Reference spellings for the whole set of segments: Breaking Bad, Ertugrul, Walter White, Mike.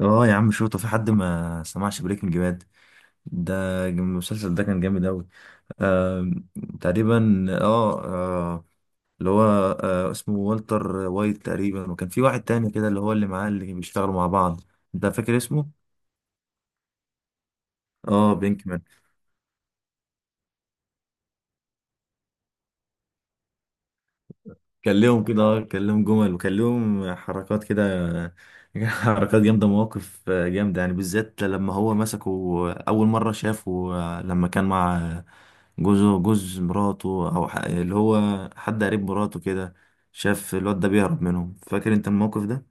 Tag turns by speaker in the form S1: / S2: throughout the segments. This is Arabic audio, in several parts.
S1: اه يا عم شوطه في حد ما سمعش بريكنج باد ده؟ المسلسل ده كان جامد اوي. آه، تقريبا اه، اللي هو آه اسمه والتر وايت تقريبا، وكان في واحد تاني كده اللي هو اللي معاه اللي بيشتغلوا مع بعض. انت فاكر اسمه؟ اه، بينكمان. كلمهم كده، اه كلمهم جمل وكلمهم حركات كده. حركات جامدة، مواقف جامدة يعني، بالذات لما هو مسكه أول مرة شافه، لما كان مع جوزه، جوز مراته، أو اللي هو حد قريب مراته كده، شاف الواد ده بيهرب منهم. فاكر أنت الموقف ده؟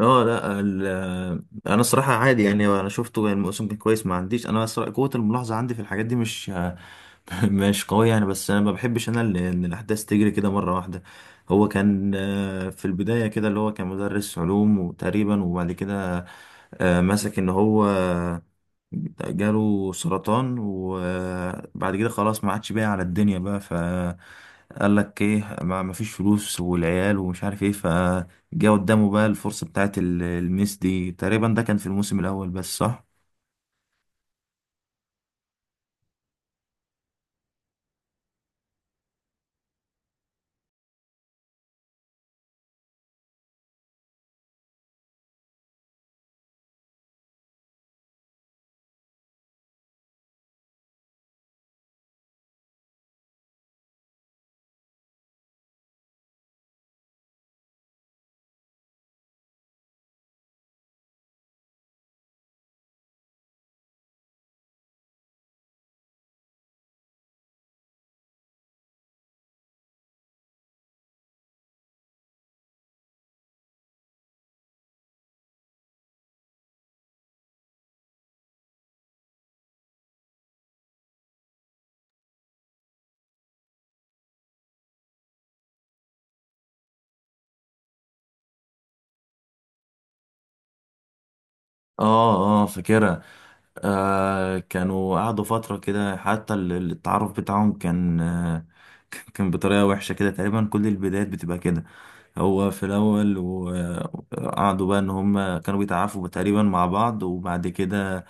S1: اه، لا ال- انا الصراحه عادي يعني، انا شفته يعني، الموسم كان كويس. ما عنديش انا الصراحة قوه الملاحظه عندي في الحاجات دي، مش مش قويه يعني. بس انا ما بحبش ان الاحداث تجري كده مره واحده. هو كان في البدايه كده اللي هو كان مدرس علوم، وتقريبا وبعد كده مسك ان هو جاله سرطان، وبعد كده خلاص ما عادش باقي على الدنيا بقى، فقال لك ايه، ما فيش فلوس والعيال ومش عارف ايه، فجاء قدامه بقى الفرصة بتاعت الميس دي. تقريبا ده كان في الموسم الأول بس، صح؟ اه اه فاكرها. آه، كانوا قعدوا فترة كده، حتى التعارف بتاعهم كان آه كان بطريقة وحشة كده. تقريبا كل البدايات بتبقى كده. هو في الأول، وقعدوا بقى إن هم كانوا بيتعافوا تقريبا مع بعض، وبعد كده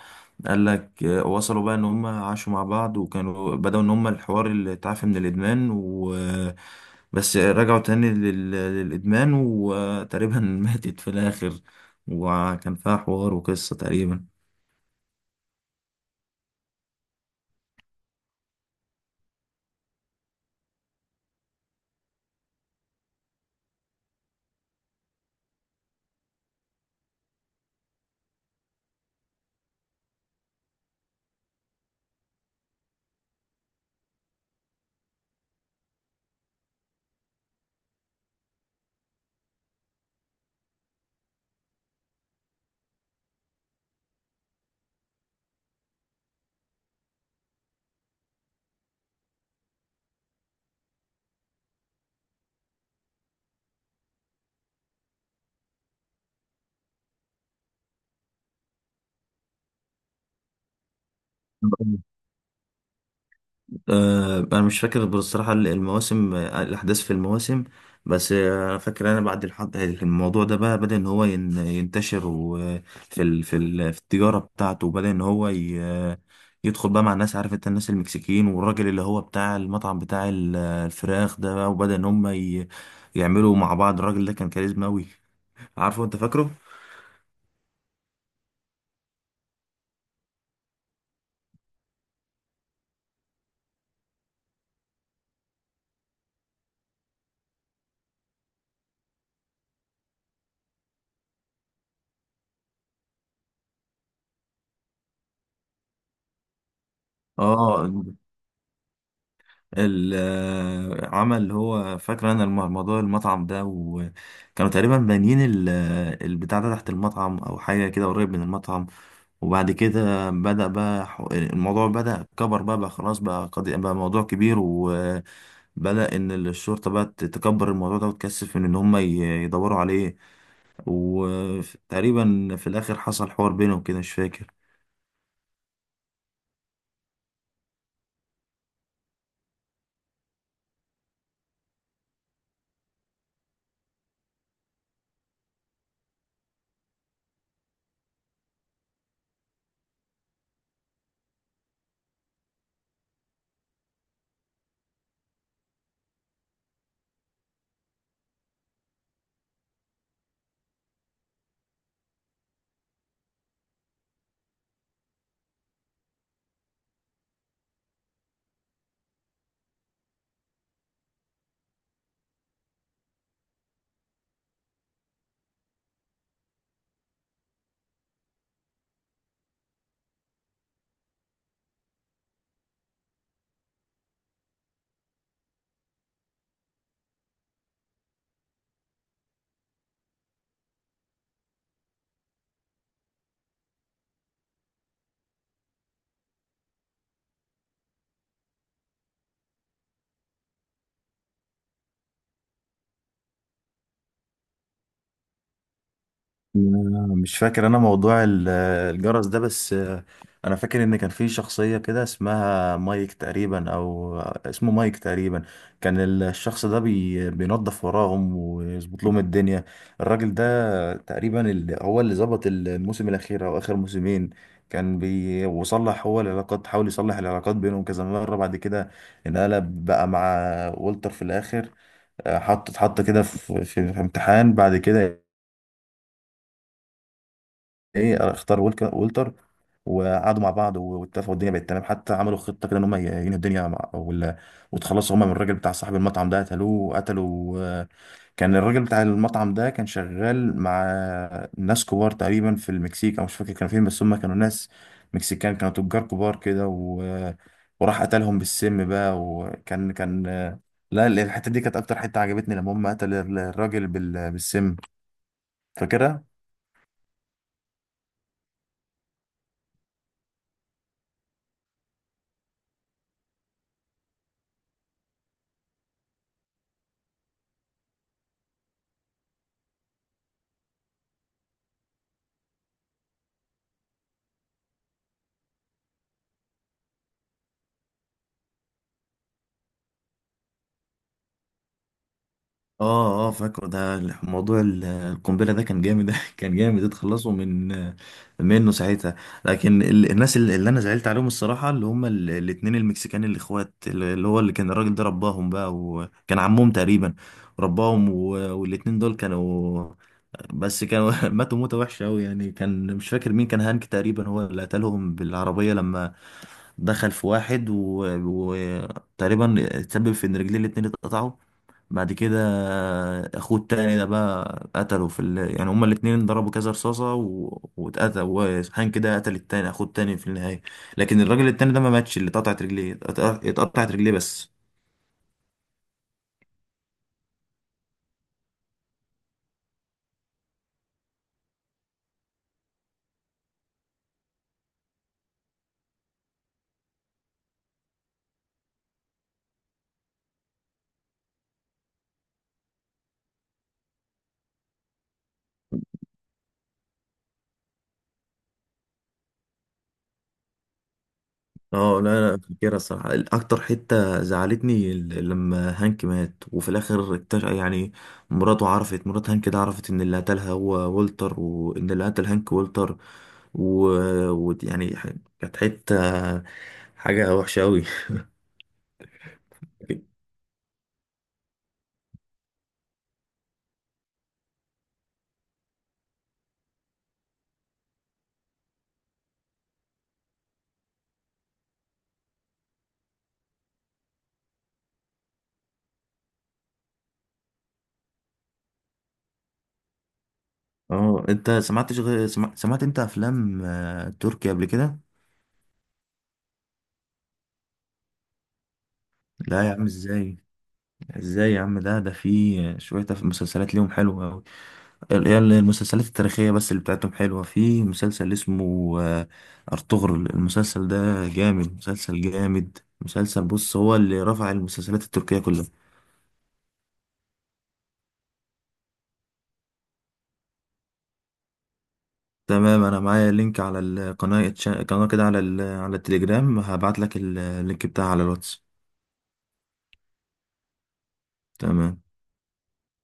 S1: قال لك وصلوا بقى إن هم عاشوا مع بعض، وكانوا بدأوا إن هم الحوار اللي اتعافى من الإدمان، و بس رجعوا تاني للإدمان، وتقريبا ماتت في الآخر. وكان فيها حوار وقصة تقريبا. آه، انا مش فاكر بصراحه المواسم، آه، الاحداث في المواسم. بس آه، انا فاكر انا بعد الموضوع ده بقى بدا ان هو ينتشر، وفي في التجاره بتاعته، وبدا ان هو ي... يدخل بقى مع الناس. عارف انت الناس المكسيكيين، والراجل اللي هو بتاع المطعم بتاع الفراخ ده بقى، وبدا ان هم ي... يعملوا مع بعض. الراجل ده كان كاريزما قوي، عارفه انت، فاكره؟ اه، العمل اللي هو فاكر انا موضوع المطعم ده، وكانوا تقريبا بانيين البتاع ده تحت المطعم، او حاجه كده قريب من المطعم. وبعد كده بدأ بقى، الموضوع بدأ كبر بقى, بقى خلاص بقى قضية بقى موضوع كبير، وبدأ ان الشرطه بقى تكبر الموضوع ده، وتكثف من ان هم يدوروا عليه. وتقريبا في الاخر حصل حوار بينهم كده، مش فاكر. أنا مش فاكر انا موضوع الجرس ده. بس آه، انا فاكر ان كان في شخصية كده اسمها مايك تقريبا، او اسمه مايك تقريبا. كان الشخص ده بينظف وراهم ويظبط لهم الدنيا. الراجل ده تقريبا هو اللي ظبط الموسم الاخير او اخر موسمين. كان وصلح هو العلاقات، حاول يصلح العلاقات بينهم كذا مرة. بعد كده انقلب بقى مع والتر في الاخر. آه، اتحط كده في امتحان. بعد كده ايه، اختار ولتر، وقعدوا مع بعض واتفقوا، الدنيا بقت تمام. حتى عملوا خطه كده ان هم ينهوا الدنيا مع وتخلصوا هم من الراجل بتاع صاحب المطعم ده، قتلوه وقتلوا آه، كان الراجل بتاع المطعم ده كان شغال مع ناس كبار تقريبا في المكسيك، او مش فاكر كانوا فين، بس هم كانوا ناس مكسيكان، كانوا تجار كبار كده. وراح قتلهم بالسم بقى. وكان آه، لا، الحته دي كانت اكتر حته عجبتني، لما هم قتل الراجل بالسم، فاكرها؟ اه اه فاكره. ده ال- موضوع القنبله ده كان جامد، كان جامد، اتخلصوا من منه ساعتها. لكن الناس اللي انا زعلت عليهم الصراحه اللي هم الاتنين المكسيكان، الاخوات اللي كان الراجل ده رباهم بقى، وكان عمهم تقريبا رباهم. والاتنين دول كانوا، بس كانوا ماتوا موته وحشه قوي يعني. كان مش فاكر مين كان، هانك تقريبا هو اللي قتلهم بالعربيه، لما دخل في واحد وتقريبا تسبب في ان رجليه الاتنين اتقطعوا. بعد كده اخوه التاني ده بقى قتله في ال... يعني هما الاتنين ضربوا كذا رصاصة واتقتل، وسبحان كده قتل التاني اخوه التاني في النهاية. لكن الراجل التاني ده ما ماتش اللي اتقطعت رجليه، اتقطعت رجليه بس. اه لا لا فاكرها الصراحة. أكتر حتة زعلتني لما هانك مات، وفي الآخر اكتشف يعني، مراته عرفت، مرات هانك ده، عرفت إن اللي قتلها هو والتر، وإن اللي قتل هانك والتر. ويعني يعني كانت حتة، حاجة وحشة أوي. اه، أنت سمعتش غير سمعت أنت أفلام آه، تركي قبل كده؟ لا يا عم، ازاي، ازاي يا عم، ده في شوية مسلسلات ليهم حلوة أوي. هي المسلسلات التاريخية بس اللي بتاعتهم حلوة. في مسلسل اسمه آه، أرطغرل. المسلسل ده جامد، مسلسل جامد مسلسل. بص، هو اللي رفع المسلسلات التركية كلها. تمام، أنا معايا لينك على القناة، قناة كده على على التليجرام، هبعت لك اللينك بتاعها على الواتس. تمام.